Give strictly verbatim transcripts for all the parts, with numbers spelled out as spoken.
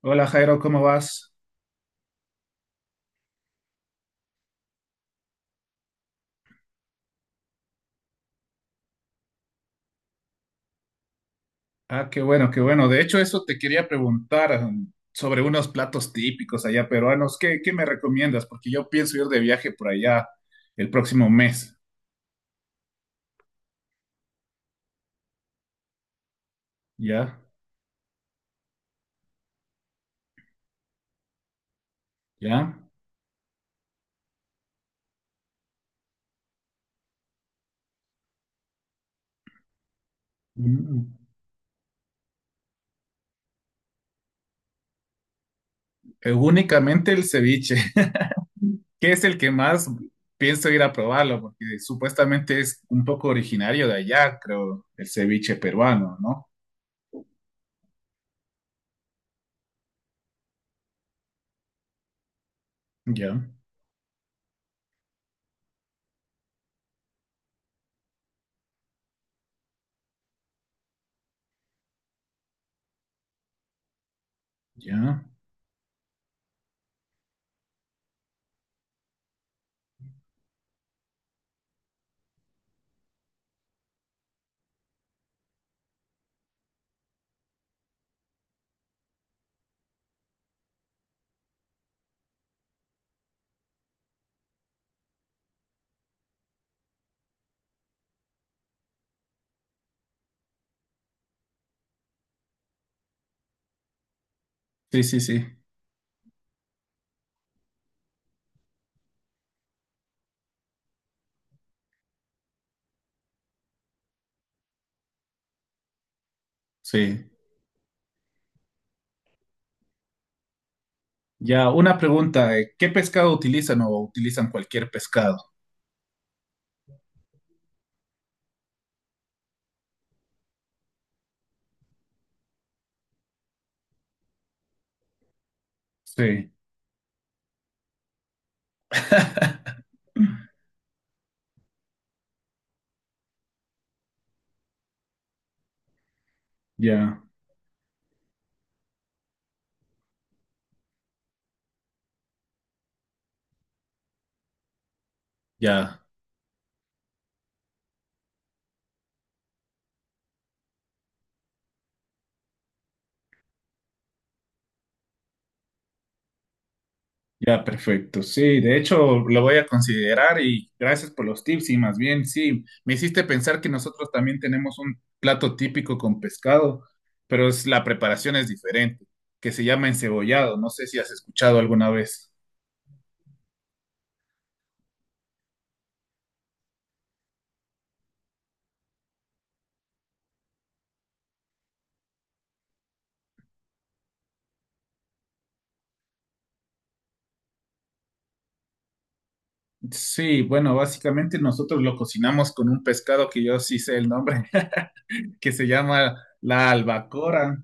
Hola Jairo, ¿cómo vas? Ah, qué bueno, qué bueno. De hecho, eso te quería preguntar um, sobre unos platos típicos allá peruanos. ¿Qué, qué me recomiendas? Porque yo pienso ir de viaje por allá el próximo mes. ¿Ya? ¿Ya? Mm. Eh, únicamente el ceviche, que es el que más pienso ir a probarlo, porque supuestamente es un poco originario de allá, creo, el ceviche peruano, ¿no? Ya, ya. Sí, sí, sí. Sí. Ya, una pregunta, eh, ¿qué pescado utilizan o utilizan cualquier pescado? Sí. Ya, ya, ya, perfecto. Sí, de hecho lo voy a considerar y gracias por los tips y más bien, sí, me hiciste pensar que nosotros también tenemos un plato típico con pescado, pero es, la preparación es diferente, que se llama encebollado. No sé si has escuchado alguna vez. Sí, bueno, básicamente nosotros lo cocinamos con un pescado que yo sí sé el nombre, que se llama la albacora.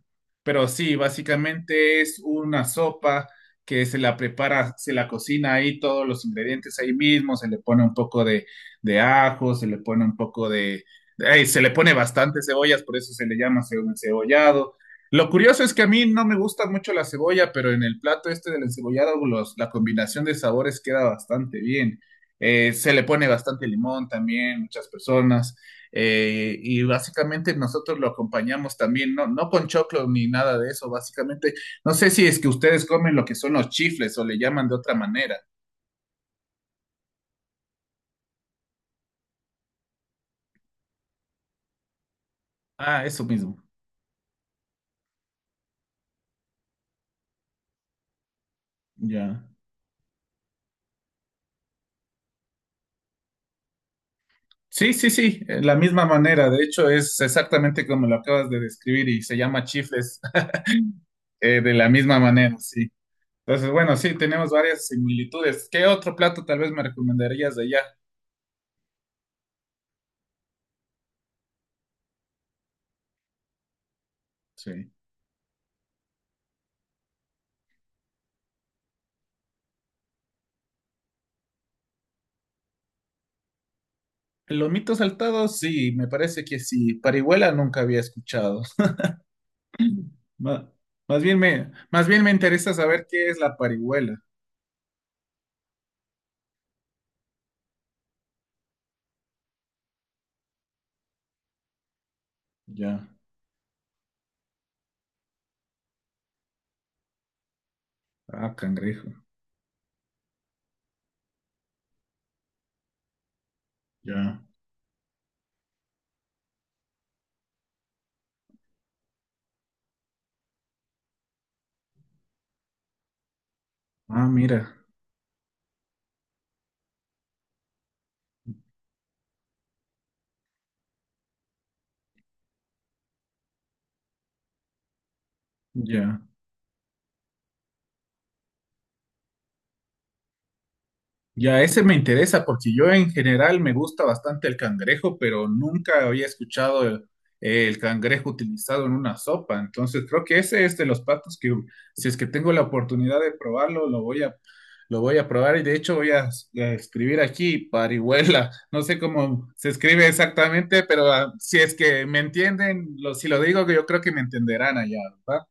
Pero sí, básicamente es una sopa que se la prepara, se la cocina ahí todos los ingredientes ahí mismo, se le pone un poco de, de ajo, se le pone un poco de, ay, se le pone bastante cebollas, por eso se le llama ce- encebollado. Lo curioso es que a mí no me gusta mucho la cebolla, pero en el plato este del encebollado, los- la combinación de sabores queda bastante bien. Eh, se le pone bastante limón también, muchas personas. Eh, y básicamente nosotros lo acompañamos también, no, no con choclo ni nada de eso, básicamente. No sé si es que ustedes comen lo que son los chifles o le llaman de otra manera. Ah, eso mismo. Ya. Sí, sí, sí, eh, la misma manera. De hecho, es exactamente como lo acabas de describir y se llama chifles eh, de la misma manera, sí. Entonces, bueno, sí, tenemos varias similitudes. ¿Qué otro plato tal vez me recomendarías de allá? Sí. El lomito saltado, sí, me parece que sí. Parihuela nunca había escuchado. Ma- Más, bien me, más bien me interesa saber qué es la parihuela. Ya. Ah, cangrejo. Ya. Ah, mira. Ya. Ya ese me interesa porque yo en general me gusta bastante el cangrejo, pero nunca había escuchado el, el cangrejo utilizado en una sopa. Entonces creo que ese es de los platos que si es que tengo la oportunidad de probarlo, lo voy a, lo voy a probar y de hecho voy a, s- a escribir aquí parihuela. No sé cómo se escribe exactamente, pero ah, si es que me entienden, lo- si lo digo, yo creo que me entenderán allá, ¿verdad?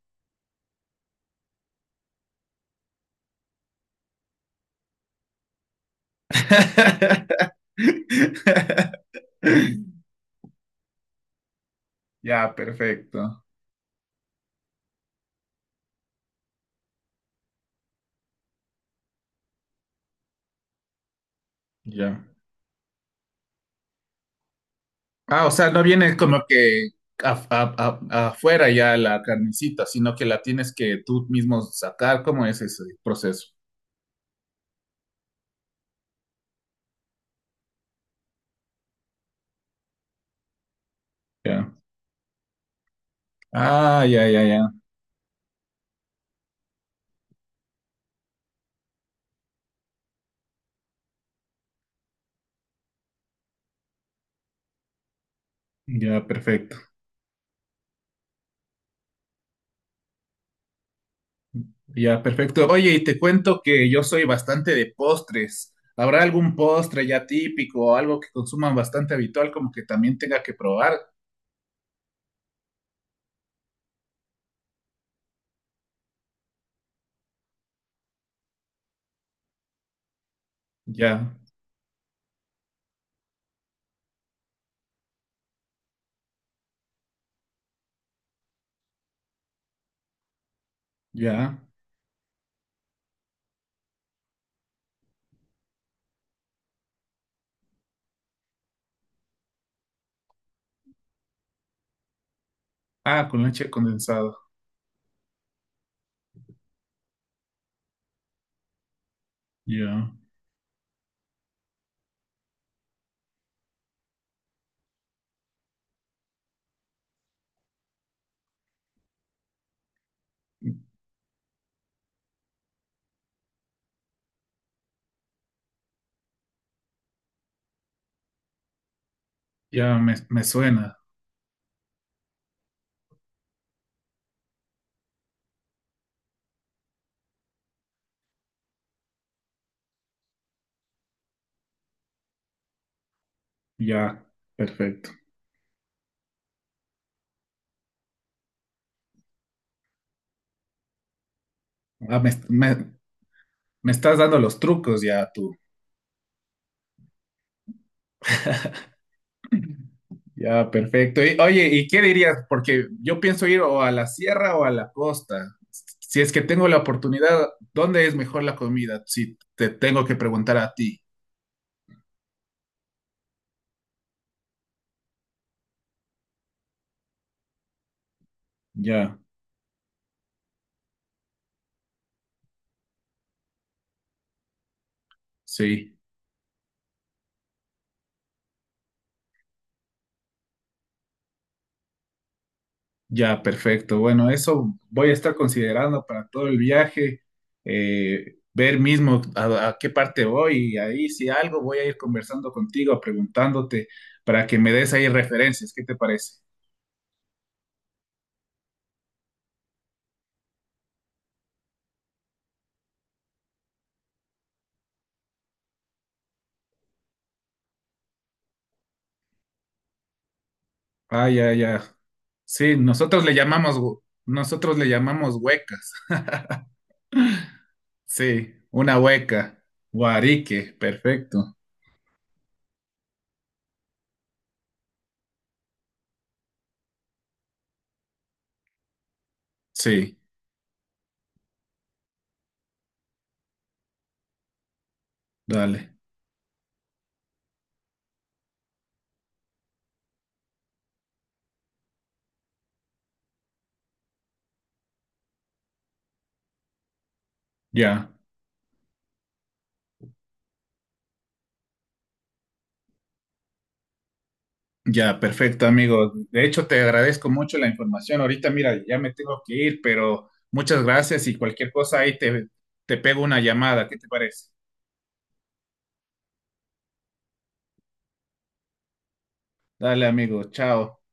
Ya, perfecto. Ya. Ah, o sea, no viene como que af- af- af- afuera ya la carnecita, sino que la tienes que tú mismo sacar. ¿Cómo es ese proceso? Ya. Ah, ya, ya, ya. Ya, perfecto. Ya, perfecto. Oye, y te cuento que yo soy bastante de postres. ¿Habrá algún postre ya típico o algo que consuman bastante habitual como que también tenga que probar? Ya, ya. Ah, con leche condensada. Ya, ya me, me suena. Ya, perfecto. Ah, me, me- Me estás dando los trucos ya tú. Ya, perfecto. Y, oye, ¿y qué dirías? Porque yo pienso ir o a la sierra o a la costa. Si es que tengo la oportunidad, ¿dónde es mejor la comida? Si te tengo que preguntar a ti. Ya, sí, ya, perfecto. Bueno, eso voy a estar considerando para todo el viaje, eh, ver mismo a, a qué parte voy y ahí si algo voy a ir conversando contigo, preguntándote para que me des ahí referencias. ¿Qué te parece? Ah, ya, ya. Sí, nosotros le llamamos, hu- nosotros le llamamos huecas. Sí, una hueca. Guarique, perfecto. Sí, dale. Ya, ya, perfecto, amigo. De hecho, te agradezco mucho la información. Ahorita, mira, ya me tengo que ir, pero muchas gracias y cualquier cosa ahí te, te pego una llamada. ¿Qué te parece? Dale, amigo. Chao.